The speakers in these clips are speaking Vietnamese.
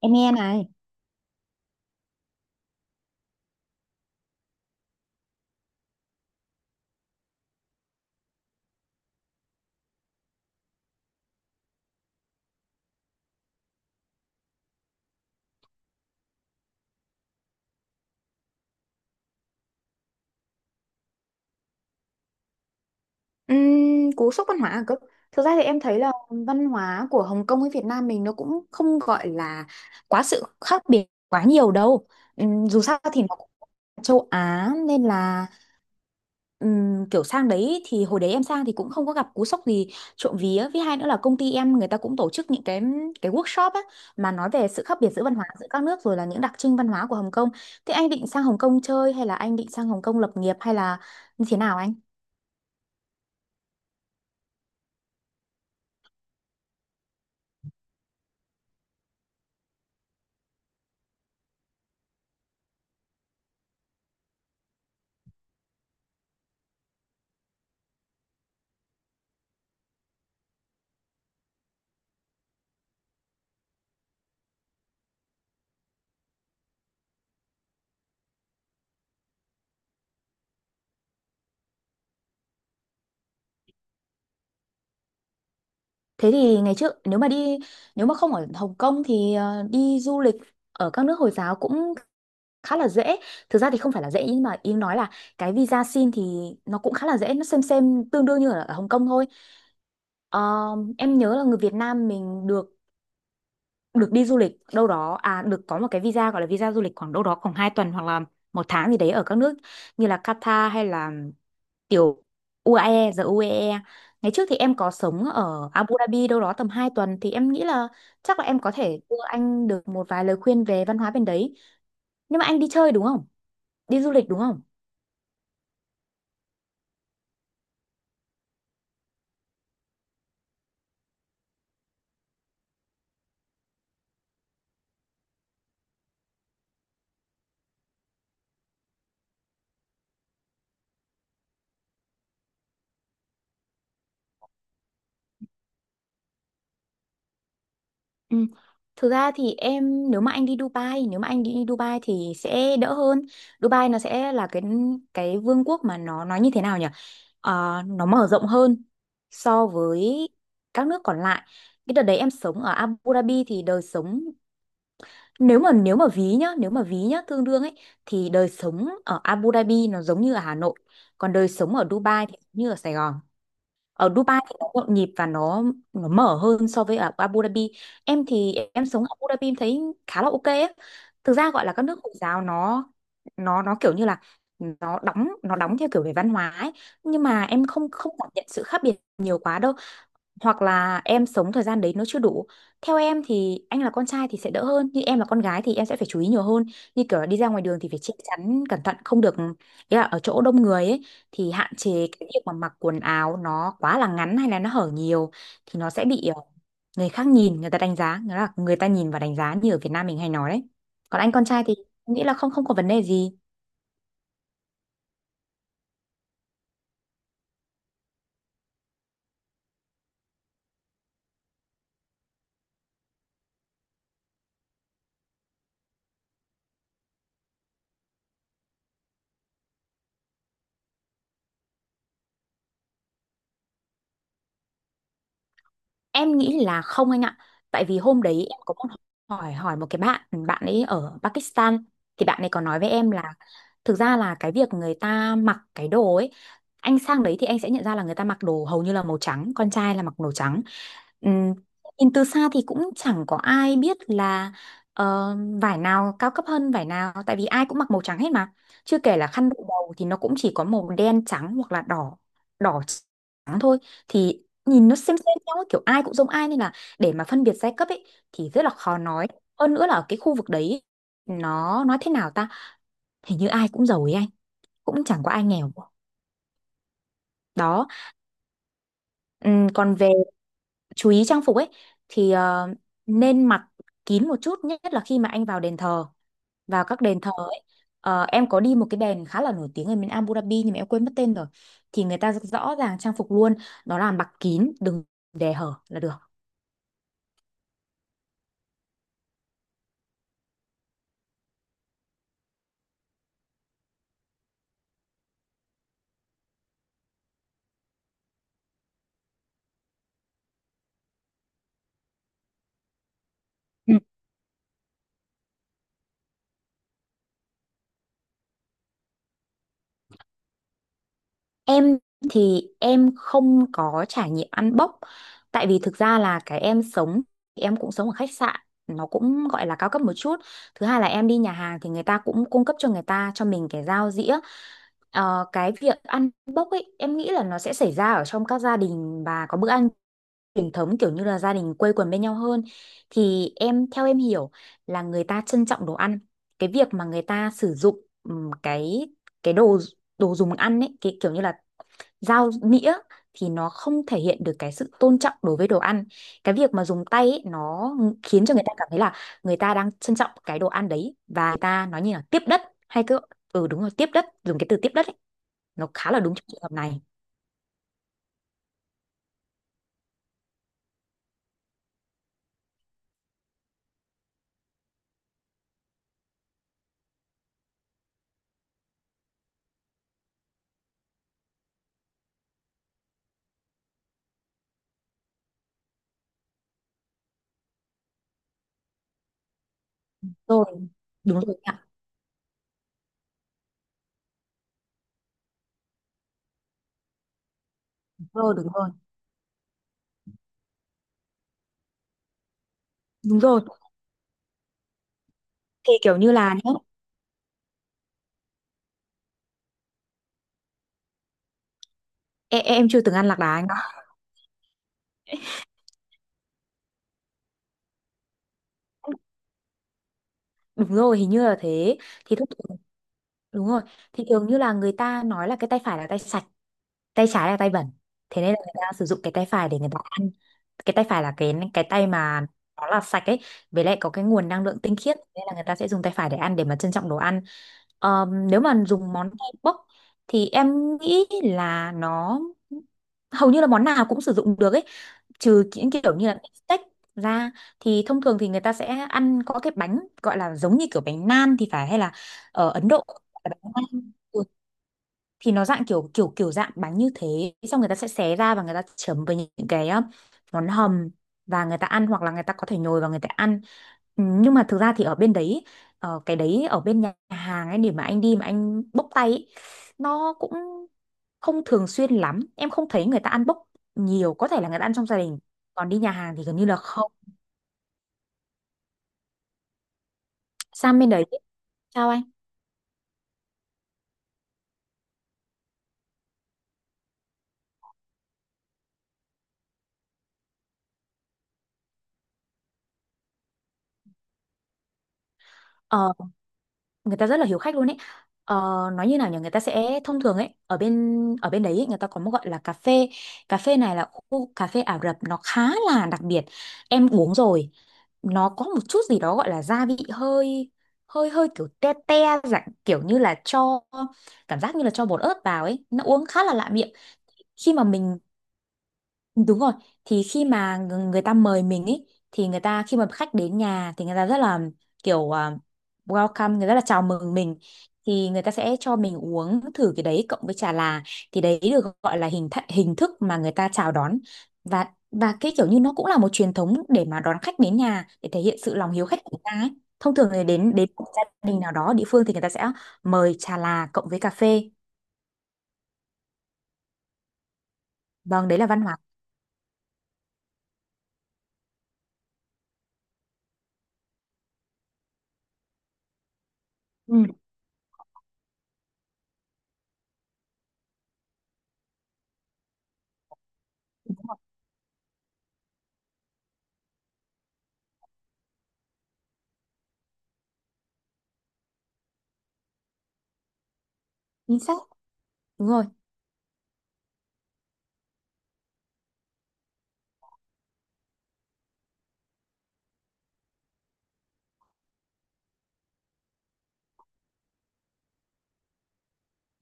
Em nghe này. Cú sốc văn hóa à cơ? Thực ra thì em thấy là văn hóa của Hồng Kông với Việt Nam mình nó cũng không gọi là quá sự khác biệt quá nhiều đâu. Dù sao thì nó cũng là châu Á nên là kiểu sang đấy thì hồi đấy em sang thì cũng không có gặp cú sốc gì. Trộm vía, với hai nữa là công ty em người ta cũng tổ chức những cái workshop á, mà nói về sự khác biệt giữa văn hóa giữa các nước rồi là những đặc trưng văn hóa của Hồng Kông. Thế anh định sang Hồng Kông chơi hay là anh định sang Hồng Kông lập nghiệp hay là như thế nào anh? Thế thì ngày trước nếu mà đi, nếu mà không ở Hồng Kông thì đi du lịch ở các nước Hồi giáo cũng khá là dễ. Thực ra thì không phải là dễ nhưng mà ý nói là cái visa xin thì nó cũng khá là dễ, nó xem tương đương như ở ở Hồng Kông thôi. Ờ, em nhớ là người Việt Nam mình được được đi du lịch đâu đó à, được có một cái visa gọi là visa du lịch khoảng đâu đó khoảng 2 tuần hoặc là một tháng gì đấy ở các nước như là Qatar hay là tiểu UAE, giờ UAE ngày trước thì em có sống ở Abu Dhabi đâu đó tầm 2 tuần thì em nghĩ là chắc là em có thể đưa anh được một vài lời khuyên về văn hóa bên đấy. Nhưng mà anh đi chơi đúng không, đi du lịch đúng không? Ừ. Thực ra thì em, nếu mà anh đi Dubai, nếu mà anh đi Dubai thì sẽ đỡ hơn. Dubai nó sẽ là cái vương quốc mà nó nói như thế nào nhỉ? Nó mở rộng hơn so với các nước còn lại. Cái đợt đấy em sống ở Abu Dhabi thì đời sống nếu mà ví nhá, nếu mà ví nhá tương đương ấy, thì đời sống ở Abu Dhabi nó giống như ở Hà Nội, còn đời sống ở Dubai thì giống như ở Sài Gòn. Ở Dubai thì nó nhộn nhịp và nó mở hơn so với ở Abu Dhabi. Em thì em sống ở Abu Dhabi em thấy khá là ok á. Thực ra gọi là các nước Hồi giáo nó nó kiểu như là nó đóng, theo kiểu về văn hóa ấy, nhưng mà em không không cảm nhận sự khác biệt nhiều quá đâu, hoặc là em sống thời gian đấy nó chưa đủ. Theo em thì anh là con trai thì sẽ đỡ hơn, nhưng em là con gái thì em sẽ phải chú ý nhiều hơn. Như kiểu là đi ra ngoài đường thì phải che chắn cẩn thận, không được, ý là ở chỗ đông người ấy, thì hạn chế cái việc mà mặc quần áo nó quá là ngắn hay là nó hở nhiều, thì nó sẽ bị người khác nhìn, người ta đánh giá, nghĩa là người ta nhìn và đánh giá như ở Việt Nam mình hay nói đấy. Còn anh con trai thì em nghĩ là không không có vấn đề gì. Em nghĩ là không anh ạ. Tại vì hôm đấy em có một hỏi hỏi một cái bạn, bạn ấy ở Pakistan, thì bạn ấy có nói với em là thực ra là cái việc người ta mặc cái đồ ấy, anh sang đấy thì anh sẽ nhận ra là người ta mặc đồ hầu như là màu trắng, con trai là mặc màu trắng. Ừm, Nhìn từ xa thì cũng chẳng có ai biết là ờ, vải nào cao cấp hơn vải nào, tại vì ai cũng mặc màu trắng hết mà. Chưa kể là khăn đội đầu thì nó cũng chỉ có màu đen trắng hoặc là đỏ đỏ trắng thôi, thì nhìn nó xem nhau ấy, kiểu ai cũng giống ai nên là để mà phân biệt giai cấp ấy thì rất là khó nói. Hơn nữa là ở cái khu vực đấy ấy, nó nói thế nào ta, hình như ai cũng giàu ấy anh, cũng chẳng có ai nghèo đó. Còn về chú ý trang phục ấy thì nên mặc kín một chút, nhất là khi mà anh vào các đền thờ ấy. Em có đi một cái đền khá là nổi tiếng ở bên Abu Dhabi nhưng mà em quên mất tên rồi, thì người ta rõ ràng trang phục luôn, đó là mặc kín, đừng để hở là được. Em thì em không có trải nghiệm ăn bốc, tại vì thực ra là cái em sống thì em cũng sống ở khách sạn nó cũng gọi là cao cấp một chút, thứ hai là em đi nhà hàng thì người ta cũng cung cấp cho người ta cho mình cái dao dĩa. Cái việc ăn bốc ấy em nghĩ là nó sẽ xảy ra ở trong các gia đình và có bữa ăn truyền thống kiểu như là gia đình quây quần bên nhau hơn, thì theo em hiểu là người ta trân trọng đồ ăn. Cái việc mà người ta sử dụng cái đồ đồ dùng ăn ấy, cái kiểu như là dao nĩa, thì nó không thể hiện được cái sự tôn trọng đối với đồ ăn. Cái việc mà dùng tay ấy, nó khiến cho người ta cảm thấy là người ta đang trân trọng cái đồ ăn đấy, và người ta nói như là tiếp đất, hay cứ, ừ đúng rồi, tiếp đất, dùng cái từ tiếp đất ấy, nó khá là đúng trong trường hợp này. Rồi, đúng rồi ạ. Đúng rồi, đúng rồi. Đúng rồi. Thì kiểu như là nhá, em chưa từng ăn lạc đà anh ạ. Đúng rồi, hình như là thế. Thì thông thường- Đúng rồi. Thì thường như là người ta nói là cái tay phải là tay sạch, tay trái là tay bẩn, thế nên là người ta sử dụng cái tay phải để người ta ăn. Cái tay phải là cái tay mà nó là sạch ấy, với lại có cái nguồn năng lượng tinh khiết nên là người ta sẽ dùng tay phải để ăn, để mà trân trọng đồ ăn. Nếu mà dùng món tay bốc thì em nghĩ là nó hầu như là món nào cũng sử dụng được ấy, trừ những kiểu như là steak ra, thì thông thường thì người ta sẽ ăn có cái bánh gọi là giống như kiểu bánh nan thì phải, hay là ở Ấn Độ gọi là bánh nan. Ừ, thì nó dạng kiểu kiểu kiểu dạng bánh như thế, xong người ta sẽ xé ra và người ta chấm với những cái món hầm và người ta ăn, hoặc là người ta có thể nhồi vào người ta ăn. Ừ, nhưng mà thực ra thì ở bên đấy cái đấy ở bên nhà hàng ấy, để mà anh đi mà anh bốc tay ấy, nó cũng không thường xuyên lắm, em không thấy người ta ăn bốc nhiều, có thể là người ta ăn trong gia đình, còn đi nhà hàng thì gần như là không. Sang bên đấy sao anh? Ờ, Người ta rất là hiếu khách luôn ấy, ờ, nói như nào nhỉ, người ta sẽ thông thường ấy, ở bên đấy ấy, người ta có một gọi là cà phê. Cà phê này là khu cà phê Ả Rập, nó khá là đặc biệt, em uống rồi, nó có một chút gì đó gọi là gia vị hơi hơi hơi kiểu te te, dạng kiểu như là cho cảm giác như là cho bột ớt vào ấy, nó uống khá là lạ miệng. Khi mà mình Đúng rồi, thì khi mà người ta mời mình ý, thì người ta khi mà khách đến nhà thì người ta rất là kiểu à, welcome, người rất là chào mừng mình, thì người ta sẽ cho mình uống thử cái đấy cộng với trà là, thì đấy được gọi là hình thức mà người ta chào đón, và cái kiểu như nó cũng là một truyền thống để mà đón khách đến nhà, để thể hiện sự lòng hiếu khách của người ta ấy. Thông thường thì đến đến một gia đình nào đó ở địa phương thì người ta sẽ mời trà là cộng với cà phê. Vâng, đấy là văn hóa. Ừ, chính xác. Đúng rồi.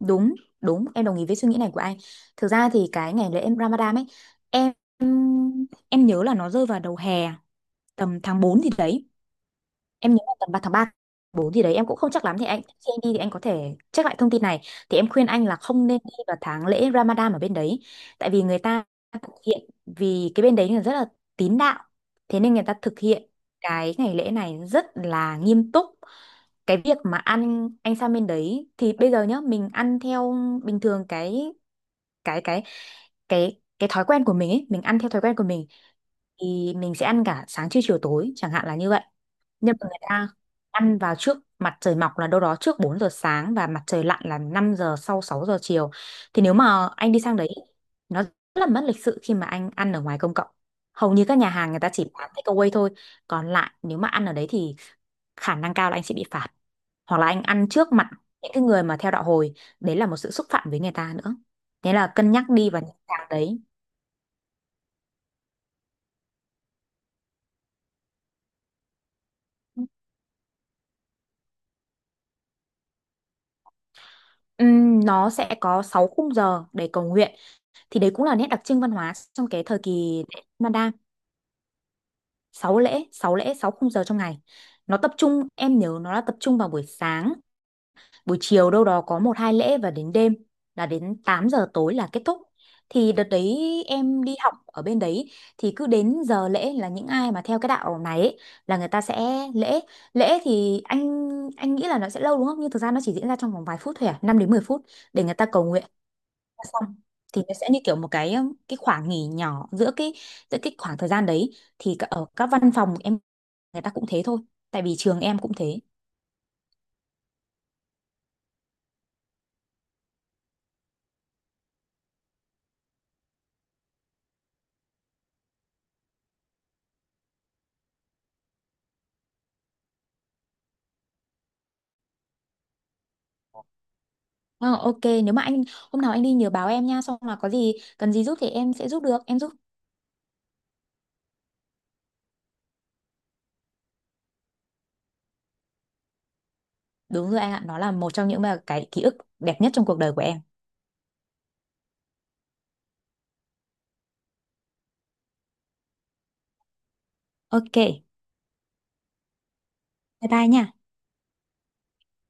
Đúng, đúng, em đồng ý với suy nghĩ này của anh. Thực ra thì cái ngày lễ em Ramadan ấy, em em nhớ là nó rơi vào đầu hè, tầm tháng 4 thì đấy. Em nhớ là tầm tháng ba bốn thì đấy, em cũng không chắc lắm, thì anh khi anh đi thì anh có thể check lại thông tin này. Thì em khuyên anh là không nên đi vào tháng lễ Ramadan ở bên đấy, tại vì người ta thực hiện, vì cái bên đấy là rất là tín đạo. Thế nên người ta thực hiện cái ngày lễ này rất là nghiêm túc. Cái việc mà ăn, anh sang bên đấy thì bây giờ nhá, mình ăn theo bình thường cái cái cái thói quen của mình ấy, mình ăn theo thói quen của mình, thì mình sẽ ăn cả sáng trưa chiều tối chẳng hạn là như vậy. Nhưng mà người ta ăn vào trước mặt trời mọc là đâu đó trước 4 giờ sáng, và mặt trời lặn là 5 giờ, sau 6 giờ chiều, thì nếu mà anh đi sang đấy, nó rất là mất lịch sự khi mà anh ăn ở ngoài công cộng, hầu như các nhà hàng người ta chỉ bán takeaway thôi, còn lại nếu mà ăn ở đấy thì khả năng cao là anh sẽ bị phạt, hoặc là anh ăn trước mặt những cái người mà theo đạo hồi, đấy là một sự xúc phạm với người ta nữa, thế là cân nhắc đi vào những tháng đấy. Nó sẽ có 6 khung giờ để cầu nguyện, thì đấy cũng là nét đặc trưng văn hóa trong cái thời kỳ lễ Manda. 6 lễ Sáu lễ, 6 khung giờ trong ngày, nó tập trung, em nhớ nó là tập trung vào buổi sáng, buổi chiều đâu đó có một hai lễ, và đến đêm là đến 8 giờ tối là kết thúc. Thì đợt đấy em đi học ở bên đấy thì cứ đến giờ lễ là những ai mà theo cái đạo này ấy, là người ta sẽ lễ lễ Thì anh nghĩ là nó sẽ lâu đúng không, nhưng thực ra nó chỉ diễn ra trong vòng vài phút thôi à, 5 đến 10 phút để người ta cầu nguyện xong, thì nó sẽ như kiểu một cái khoảng nghỉ nhỏ giữa cái khoảng thời gian đấy, thì ở các văn phòng em người ta cũng thế thôi, tại vì trường em cũng thế. Ờ, ok, nếu mà anh hôm nào anh đi nhớ báo em nha, xong là có gì cần gì giúp thì em sẽ giúp được, em giúp. Đúng rồi anh ạ, nó là một trong những mà cái ký ức đẹp nhất trong cuộc đời của em. Ok, bye bye nha.